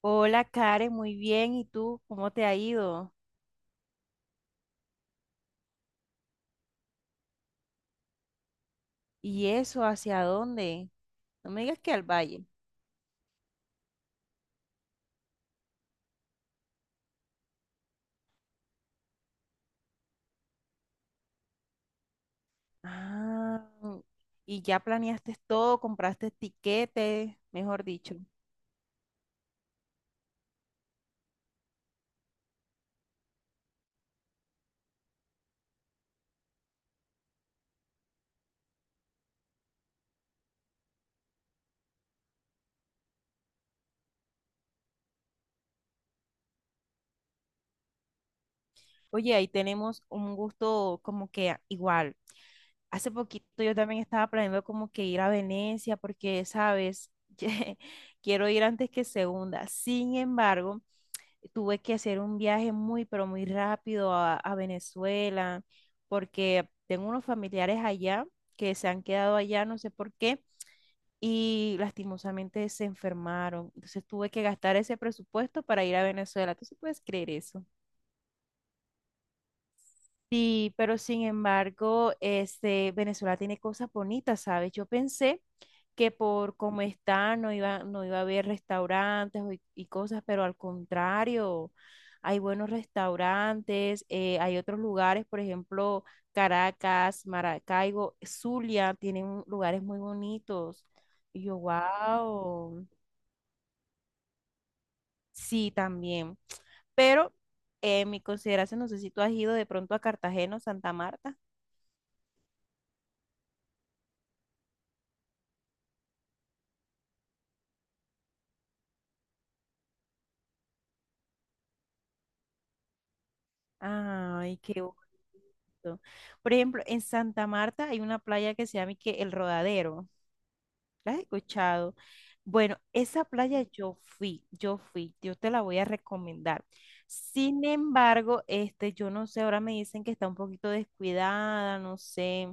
Hola Karen, muy bien. ¿Y tú cómo te ha ido? ¿Y eso hacia dónde? No me digas que al valle. Ah, y ya planeaste todo, compraste tiquetes, mejor dicho. Oye, ahí tenemos un gusto como que igual. Hace poquito yo también estaba planeando como que ir a Venecia porque, sabes, quiero ir antes que segunda. Sin embargo, tuve que hacer un viaje muy, pero muy rápido a Venezuela, porque tengo unos familiares allá que se han quedado allá, no sé por qué, y lastimosamente se enfermaron. Entonces tuve que gastar ese presupuesto para ir a Venezuela. ¿Tú sí puedes creer eso? Sí, pero sin embargo, este, Venezuela tiene cosas bonitas, ¿sabes? Yo pensé que por cómo está no iba a haber restaurantes y cosas, pero al contrario, hay buenos restaurantes, hay otros lugares, por ejemplo, Caracas, Maracaibo, Zulia, tienen lugares muy bonitos. Y yo, wow, sí, también. Pero en mi consideración, no sé si tú has ido de pronto a Cartagena o Santa Marta. Ay, qué bonito. Por ejemplo, en Santa Marta hay una playa que se llama y que El Rodadero. ¿La has escuchado? Bueno, esa playa yo fui, yo te la voy a recomendar. Sin embargo, este, yo no sé, ahora me dicen que está un poquito descuidada, no sé.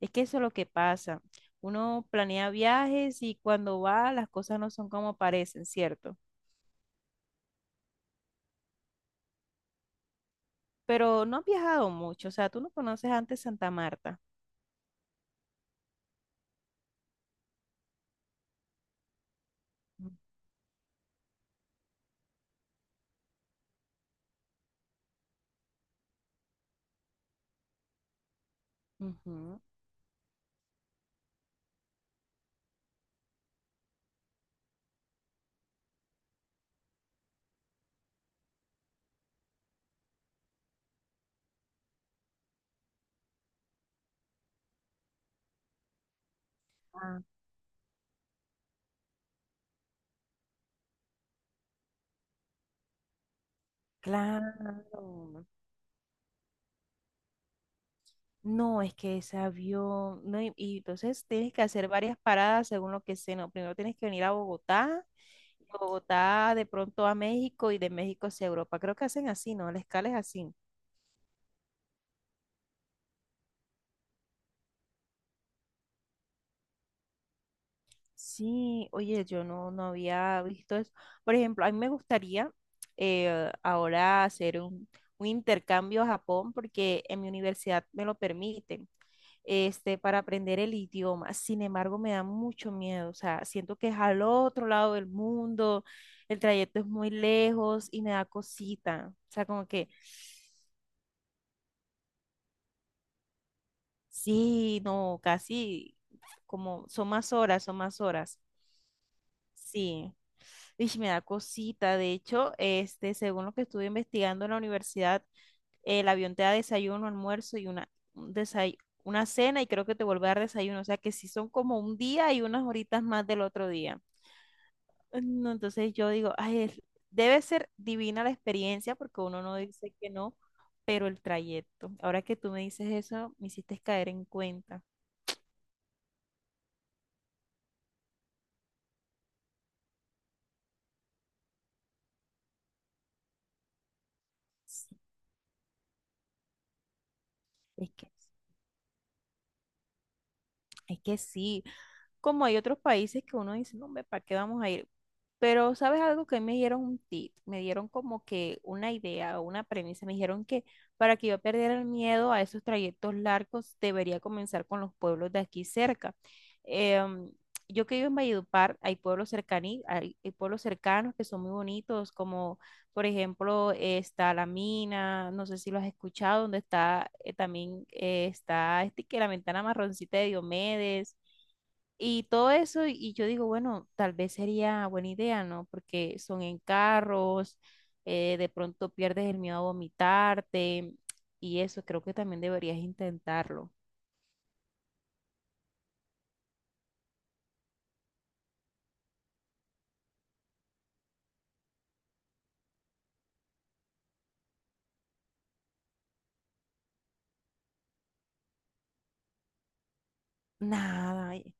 Es que eso es lo que pasa. Uno planea viajes y cuando va las cosas no son como parecen, ¿cierto? Pero no has viajado mucho, o sea, tú no conoces antes Santa Marta. Ujú. Claro. No, es que ese avión, no, y entonces tienes que hacer varias paradas según lo que sea, ¿no? Primero tienes que venir a Bogotá de pronto a México y de México hacia Europa. Creo que hacen así, ¿no? La escala es así. Sí, oye, yo no, no había visto eso. Por ejemplo, a mí me gustaría ahora hacer un intercambio a Japón porque en mi universidad me lo permiten. Este, para aprender el idioma. Sin embargo, me da mucho miedo, o sea, siento que es al otro lado del mundo, el trayecto es muy lejos y me da cosita, o sea, como que sí, no, casi como son más horas, son más horas. Sí, y me da cosita. De hecho, este, según lo que estuve investigando en la universidad, el avión te da desayuno, almuerzo y un desay- una cena y creo que te vuelve a dar desayuno. O sea que sí son como un día y unas horitas más del otro día. No, entonces yo digo, ay, debe ser divina la experiencia porque uno no dice que no, pero el trayecto. Ahora que tú me dices eso, me hiciste caer en cuenta. Sí, Es que, es que sí, como hay otros países que uno dice, no, hombre, ¿para qué vamos a ir? Pero, ¿sabes algo que me dieron un tip? Me dieron como que una idea o una premisa. Me dijeron que para que yo perdiera el miedo a esos trayectos largos, debería comenzar con los pueblos de aquí cerca. Em, yo que vivo en Valledupar, hay pueblos hay pueblos cercanos que son muy bonitos, como por ejemplo está La Mina, no sé si lo has escuchado, donde está también está este que la ventana marroncita de Diomedes y todo eso, y yo digo, bueno, tal vez sería buena idea, ¿no? Porque son en carros, de pronto pierdes el miedo a vomitarte y eso, creo que también deberías intentarlo. Nada, ¿y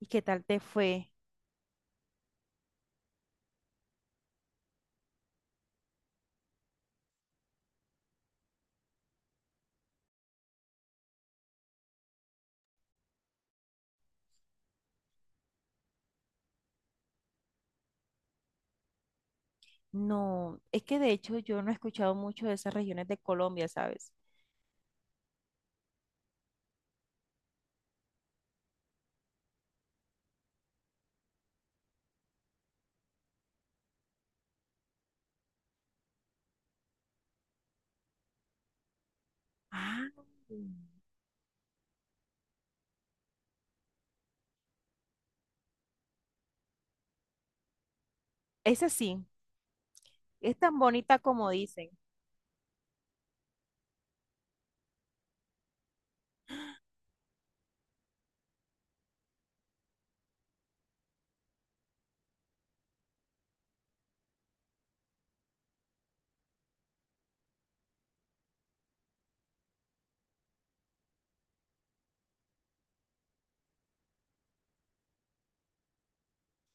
y qué tal te fue? No, es que de hecho yo no he escuchado mucho de esas regiones de Colombia, ¿sabes? Ah, esa sí, es tan bonita como dicen.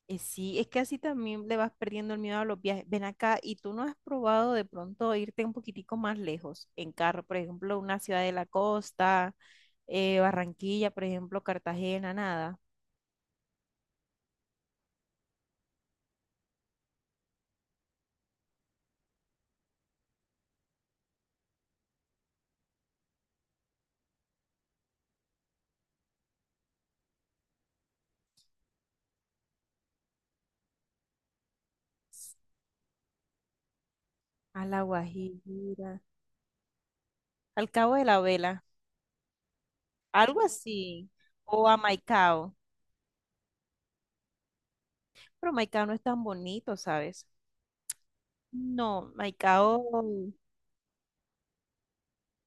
Sí, es que así también le vas perdiendo el miedo a los viajes. Ven acá, ¿y tú no has probado de pronto irte un poquitico más lejos en carro? Por ejemplo, una ciudad de la costa, Barranquilla, por ejemplo, Cartagena, nada. A La Guajira, al Cabo de la Vela, algo así. O a Maicao. Pero Maicao no es tan bonito, ¿sabes? No, Maicao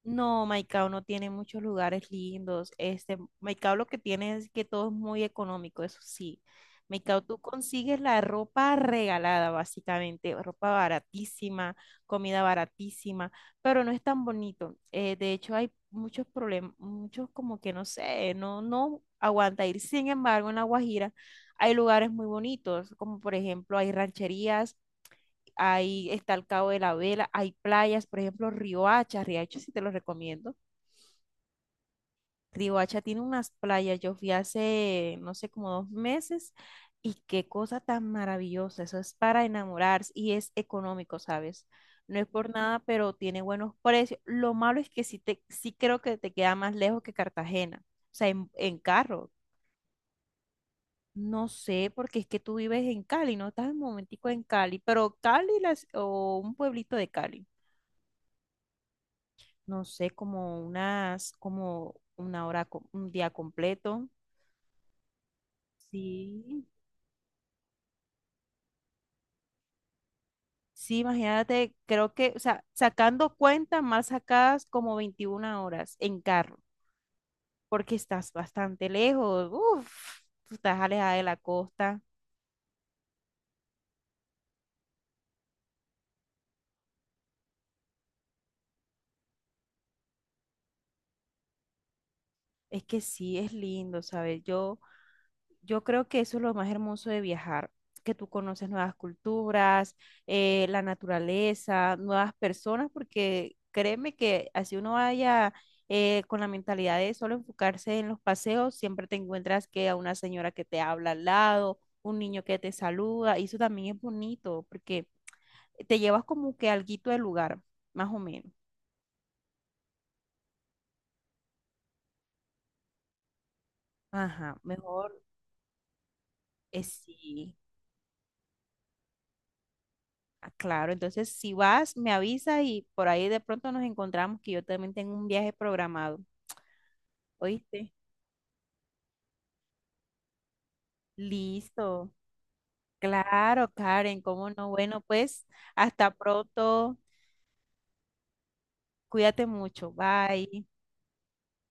No, Maicao no tiene muchos lugares lindos. Este, Maicao lo que tiene es que todo es muy económico, eso sí. Maicao, tú consigues la ropa regalada, básicamente, ropa baratísima, comida baratísima, pero no es tan bonito. De hecho, hay muchos problemas, muchos como que no sé, no, no aguanta ir. Sin embargo, en La Guajira hay lugares muy bonitos, como por ejemplo hay rancherías, ahí está el Cabo de la Vela, hay playas, por ejemplo, Riohacha, Riohacha sí te lo recomiendo. Riohacha tiene unas playas, yo fui hace, no sé, como 2 meses, y qué cosa tan maravillosa, eso es para enamorarse y es económico, ¿sabes? No es por nada, pero tiene buenos precios. Lo malo es que sí, sí creo que te queda más lejos que Cartagena, o sea, en, carro. No sé, porque es que tú vives en Cali, no estás un momentico en Cali, pero Cali o un pueblito de Cali. No sé, como unas, como una hora, un día completo. Sí. Sí, imagínate, creo que, o sea, sacando cuentas mal sacadas como 21 horas en carro, porque estás bastante lejos, uff, tú estás alejada de la costa. Es que sí, es lindo, ¿sabes? Yo creo que eso es lo más hermoso de viajar, que tú conoces nuevas culturas, la naturaleza, nuevas personas, porque créeme que así uno vaya con la mentalidad de solo enfocarse en los paseos, siempre te encuentras que a una señora que te habla al lado, un niño que te saluda, y eso también es bonito, porque te llevas como que alguito del lugar, más o menos. Ajá, mejor es sí. Ah, claro, entonces si vas, me avisas y por ahí de pronto nos encontramos que yo también tengo un viaje programado. ¿Oíste? Listo. Claro, Karen, cómo no. Bueno, pues hasta pronto. Cuídate mucho. Bye.